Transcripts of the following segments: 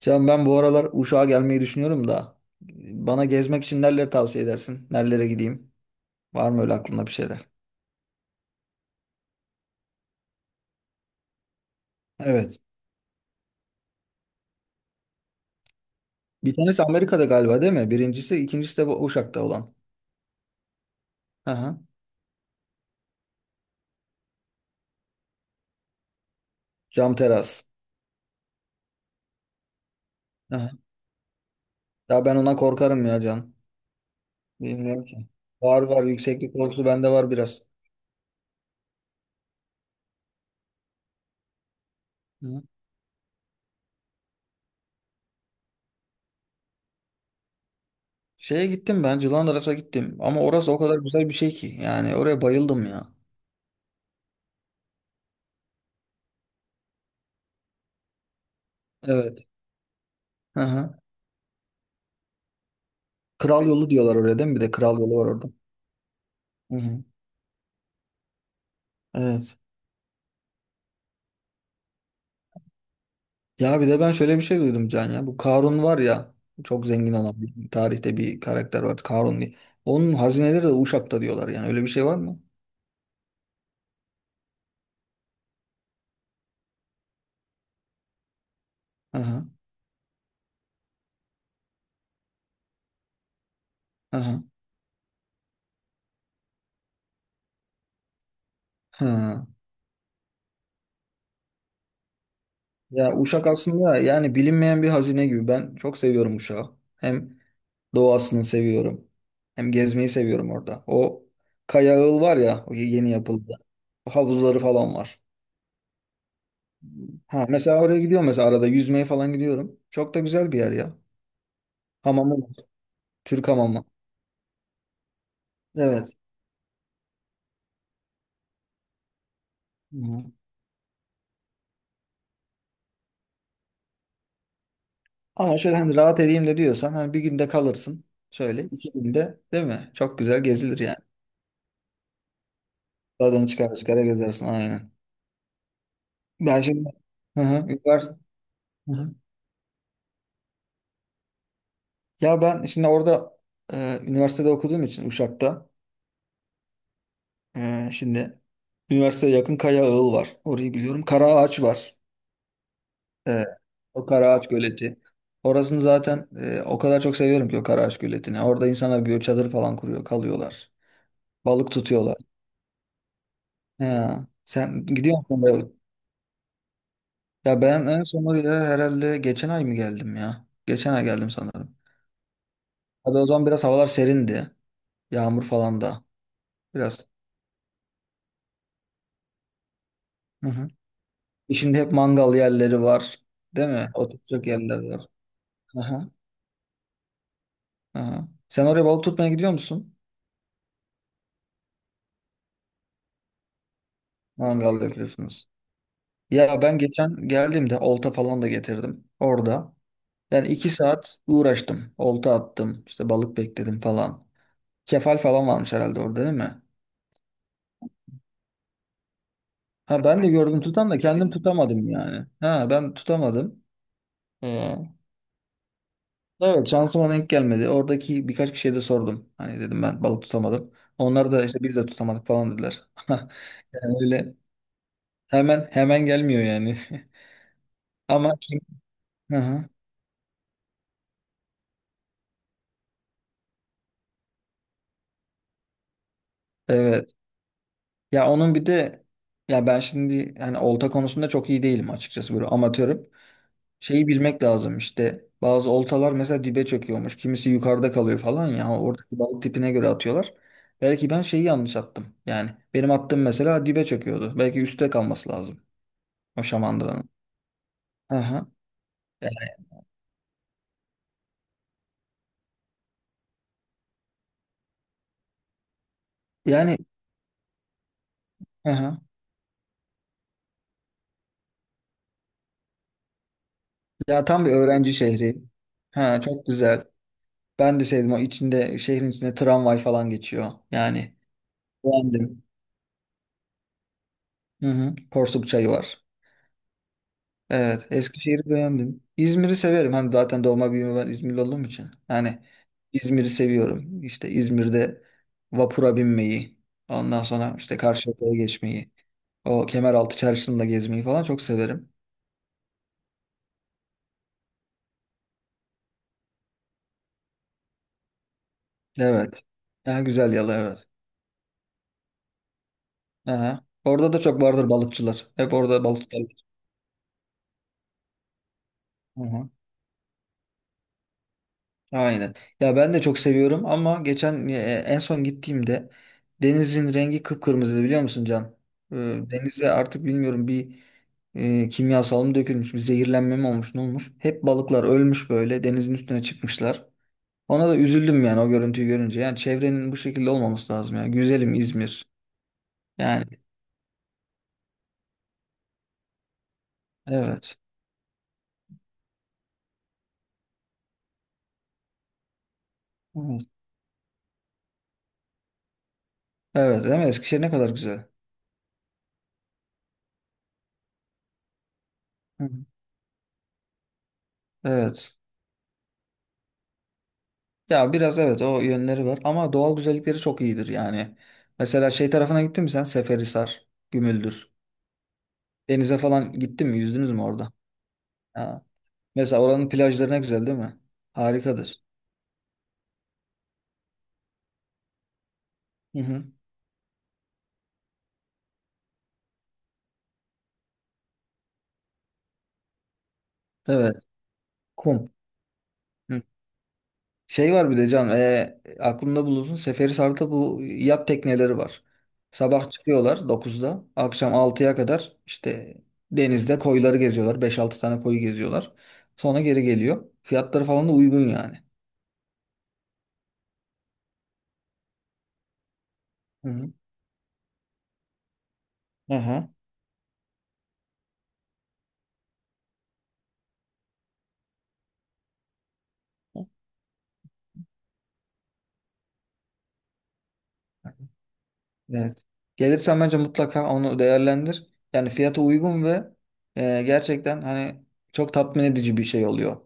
Can ben bu aralar Uşak'a gelmeyi düşünüyorum da bana gezmek için nereleri tavsiye edersin? Nerelere gideyim? Var mı öyle aklında bir şeyler? Evet. Bir tanesi Amerika'da galiba değil mi? Birincisi, ikincisi de bu Uşak'ta olan. Aha. Cam teras. Aha. Ya ben ona korkarım ya Can. Bilmiyorum ki. Var var yükseklik korkusu bende var biraz. Hı. Şeye gittim ben Cilandras'a gittim ama orası o kadar güzel bir şey ki yani oraya bayıldım ya. Evet. Aha. Kral yolu diyorlar oraya değil mi? Bir de kral yolu var orada. Hı hı. Evet. Ya bir de ben şöyle bir şey duydum Can ya. Bu Karun var ya çok zengin olan bir tarihte bir karakter var. Karun bir. Onun hazineleri de Uşak'ta diyorlar yani. Öyle bir şey var mı? Aha, aha, ha. Ya Uşak aslında yani bilinmeyen bir hazine gibi. Ben çok seviyorum Uşak'ı. Hem doğasını seviyorum. Hem gezmeyi seviyorum orada. O Kaya Ağıl var ya o yeni yapıldı. Havuzları falan var. Ha, mesela oraya gidiyorum mesela arada yüzmeye falan gidiyorum. Çok da güzel bir yer ya. Hamamı var. Türk hamamı. Evet. Hı hı. Ama şöyle hani rahat edeyim de diyorsan hani bir günde kalırsın. Şöyle 2 günde değil mi? Çok güzel gezilir yani. Oradan çıkar çıkara gezersin aynen. Ben şimdi hı hı, hı hı. Ya ben şimdi orada üniversitede okuduğum için Uşak'ta şimdi üniversiteye yakın Kaya Ağıl var. Orayı biliyorum. Karaağaç var. E, O Karaağaç Göleti. Orasını zaten o kadar çok seviyorum ki o Karaağaç Göleti'ni. Orada insanlar bir çadır falan kuruyor, kalıyorlar. Balık tutuyorlar. Ha, sen gidiyor musun böyle? Ya ben en son oraya herhalde geçen ay mı geldim ya? Geçen ay geldim sanırım. Hadi o zaman biraz havalar serindi. Yağmur falan da. Biraz. Hı hı. Şimdi hep mangal yerleri var. Değil mi? Oturacak yerler var. Aha, aha. Sen oraya balık tutmaya gidiyor musun? Mangal yapıyorsunuz. Ya ben geçen geldiğimde olta falan da getirdim. Orada. Yani 2 saat uğraştım. Olta attım, işte balık bekledim falan. Kefal falan varmış herhalde orada değil mi? Ha ben de gördüm tutan da kendim tutamadım yani. Ha ben tutamadım. Ee, evet şansıma denk gelmedi. Oradaki birkaç kişiye de sordum. Hani dedim ben balık tutamadım. Onlar da işte biz de tutamadık falan dediler. Yani öyle hemen hemen gelmiyor yani. Ama kim? Hı hı. Evet. Ya onun bir de ya ben şimdi hani olta konusunda çok iyi değilim açıkçası böyle amatörüm. Şeyi bilmek lazım işte bazı oltalar mesela dibe çöküyormuş kimisi yukarıda kalıyor falan ya oradaki balık tipine göre atıyorlar. Belki ben şeyi yanlış attım yani benim attığım mesela dibe çöküyordu belki üstte kalması lazım o şamandıranın. Hı hı. E, Yani hı hı. Ya tam bir öğrenci şehri. Ha çok güzel. Ben de sevdim o içinde şehrin içinde tramvay falan geçiyor. Yani beğendim. Hı hı. Porsuk çayı var. Evet, Eskişehir'i beğendim. İzmir'i severim. Hani zaten doğma büyüme ben İzmirli olduğum için. Hani İzmir'i seviyorum. İşte İzmir'de vapura binmeyi, ondan sonra işte Karşıyaka'ya geçmeyi, o Kemeraltı Çarşısı'nda gezmeyi falan çok severim. Evet. Ha, Güzel Yalı evet. Aha. Orada da çok vardır balıkçılar. Hep orada balık tutarlar. Aynen. Ya ben de çok seviyorum ama geçen en son gittiğimde denizin rengi kıpkırmızıydı biliyor musun Can? E, Denize artık bilmiyorum bir kimyasal mı dökülmüş, bir zehirlenme mi olmuş, ne olmuş? Hep balıklar ölmüş böyle denizin üstüne çıkmışlar. Ona da üzüldüm yani o görüntüyü görünce. Yani çevrenin bu şekilde olmaması lazım ya. Güzelim İzmir. Yani evet. Evet. Evet, değil mi? Eskişehir ne kadar güzel. Hı. Evet. Ya biraz evet o yönleri var ama doğal güzellikleri çok iyidir yani. Mesela şey tarafına gittin mi sen? Seferihisar, Gümüldür. Denize falan gittin mi? Yüzdünüz mü orada? Ha. Mesela oranın plajları ne güzel değil mi? Harikadır. Hı hı. Evet. Kum. Hı. Şey var bir de Can. Aklında bulunsun. Seferihisar'da bu yat tekneleri var. Sabah çıkıyorlar 9'da, akşam 6'ya kadar işte denizde koyları geziyorlar. 5-6 tane koyu geziyorlar. Sonra geri geliyor. Fiyatları falan da uygun yani. Hı hı. Aha. Evet. Gelirsen bence mutlaka onu değerlendir. Yani fiyata uygun ve gerçekten hani çok tatmin edici bir şey oluyor.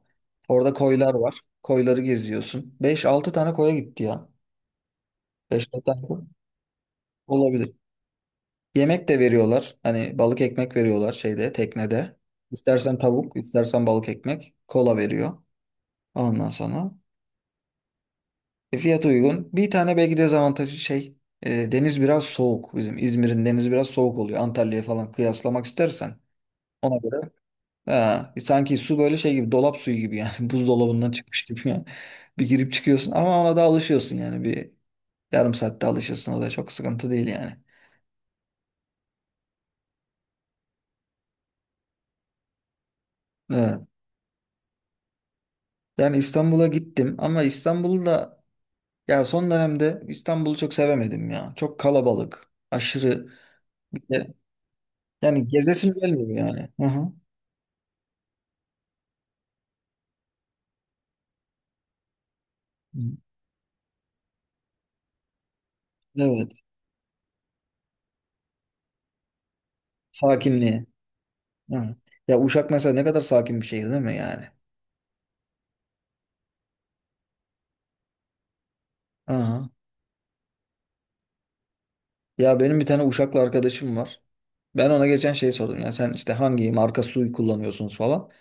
Orada koylar var. Koyları geziyorsun. 5-6 tane koya gitti ya. 5-6 tane koy olabilir. Yemek de veriyorlar. Hani balık ekmek veriyorlar şeyde, teknede. İstersen tavuk, istersen balık ekmek. Kola veriyor. Ondan sonra. Fiyatı uygun. Bir tane belki dezavantajı şey deniz biraz soğuk. Bizim İzmir'in denizi biraz soğuk oluyor. Antalya'ya falan kıyaslamak istersen. Ona göre ha, sanki su böyle şey gibi dolap suyu gibi yani buzdolabından çıkmış gibi yani. Bir girip çıkıyorsun ama ona da alışıyorsun yani bir yarım saatte alışıyorsun o da çok sıkıntı değil yani. Evet. Yani İstanbul'a gittim ama İstanbul'u da ya son dönemde İstanbul'u çok sevemedim ya. Çok kalabalık, aşırı yani gezesim gelmiyor yani. Hı hı. Evet. Sakinliği. Hı. Ya Uşak mesela ne kadar sakin bir şehir değil mi yani? Aha. Ya benim bir tane Uşaklı arkadaşım var. Ben ona geçen şey sordum ya sen işte hangi marka suyu kullanıyorsunuz falan.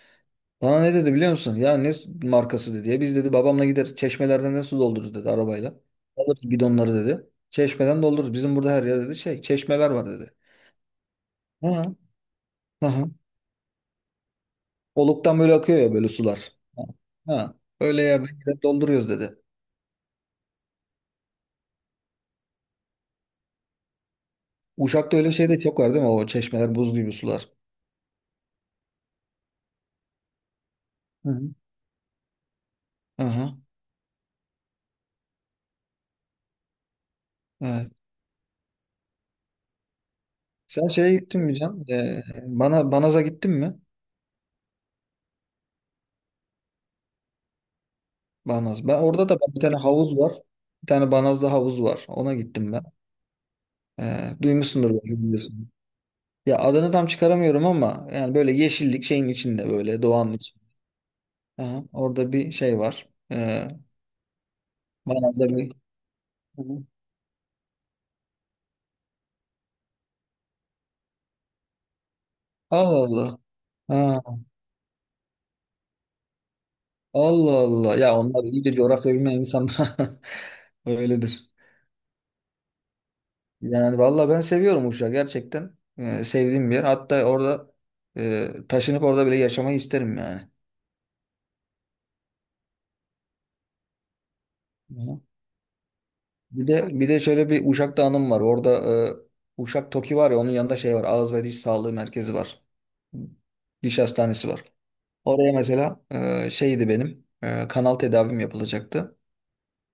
Bana ne dedi biliyor musun? Ya ne markası dedi ya biz dedi babamla gider çeşmelerden ne su doldururuz dedi arabayla. Alırız bidonları dedi. Çeşmeden doldururuz. Bizim burada her yerde dedi şey çeşmeler var dedi. Hı. Aha. Hı. Oluktan böyle akıyor ya böyle sular. Ha. Hı. Öyle yerden gider dolduruyoruz dedi. Uşak'ta öyle şey de çok var değil mi? O çeşmeler buz gibi sular. Aha, evet. Sen şeye gittin mi Can? Bana Banaz'a gittin mi? Banaz. Ben orada da bir tane havuz var. Bir tane Banaz'da havuz var. Ona gittim ben. Duymuşsundur belki biliyorsun. Ya adını tam çıkaramıyorum ama yani böyle yeşillik şeyin içinde böyle doğanın içinde. Aha, orada bir şey var. Banaz'da bir... Hı hı. Allah Allah. Ha, Allah Allah. Ya onlar iyidir coğrafya bilmeyen insanlar. Öyledir. Yani valla ben seviyorum Uşak gerçekten. Sevdiğim bir yer. Hatta orada taşınıp orada bile yaşamayı isterim yani. Hı. Bir de şöyle bir Uşak'ta anım var. Orada Uşak Toki var ya onun yanında şey var. Ağız ve Diş Sağlığı Merkezi var. Diş hastanesi var. Oraya mesela şeydi benim kanal tedavim yapılacaktı.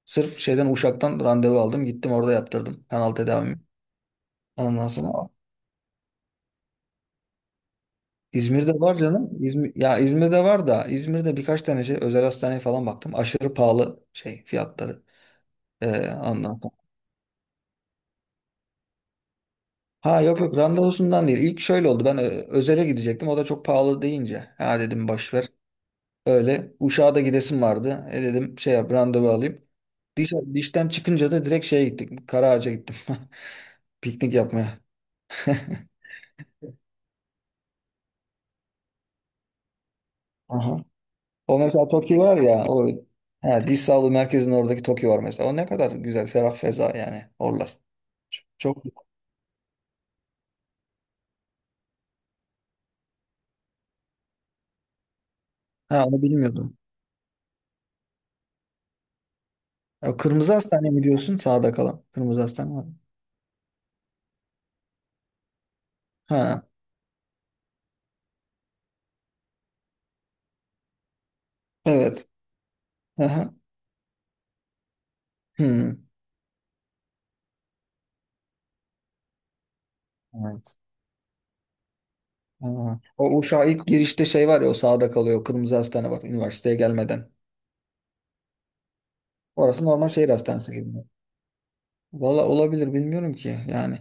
Sırf şeyden Uşak'tan randevu aldım. Gittim orada yaptırdım kanal tedavimi. Ondan sonra İzmir'de var canım. İzmir, ya İzmir'de var da İzmir'de birkaç tane şey özel hastaneye falan baktım. Aşırı pahalı şey fiyatları. Ondan sonra. Ha yok yok randevusundan değil. İlk şöyle oldu. Ben özele gidecektim. O da çok pahalı deyince. Ha dedim boş ver. Öyle. Uşak'a da gidesim vardı. Dedim şey yap randevu alayım. Dişten çıkınca da direkt şeye gittik. Karaağaç'a gittim. Piknik yapmaya. Aha. O mesela Toki var ya o he, diş sağlığı merkezinin oradaki Toki var mesela. O ne kadar güzel ferah feza yani oralar. Çok, ha onu bilmiyordum. Ya, Kırmızı Hastane mi diyorsun sağda kalan? Kırmızı Hastane var mı? Ha evet. Aha. Hmm. Evet. Ha. O Uşağa ilk girişte şey var ya o sağda kalıyor. O Kırmızı Hastane var üniversiteye gelmeden. Orası normal şehir hastanesi gibi. Valla olabilir bilmiyorum ki yani.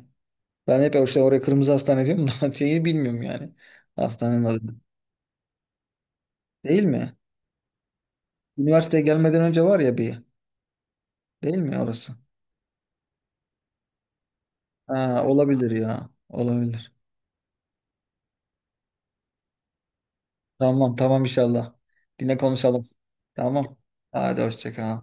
Ben hep işte oraya Kırmızı Hastane diyorum da şeyi bilmiyorum yani. Hastanenin adı. Değil mi? Üniversiteye gelmeden önce var ya bir. Değil mi orası? Ha, olabilir ya. Olabilir. Tamam tamam inşallah. Yine konuşalım. Tamam. Hadi hoşça kal.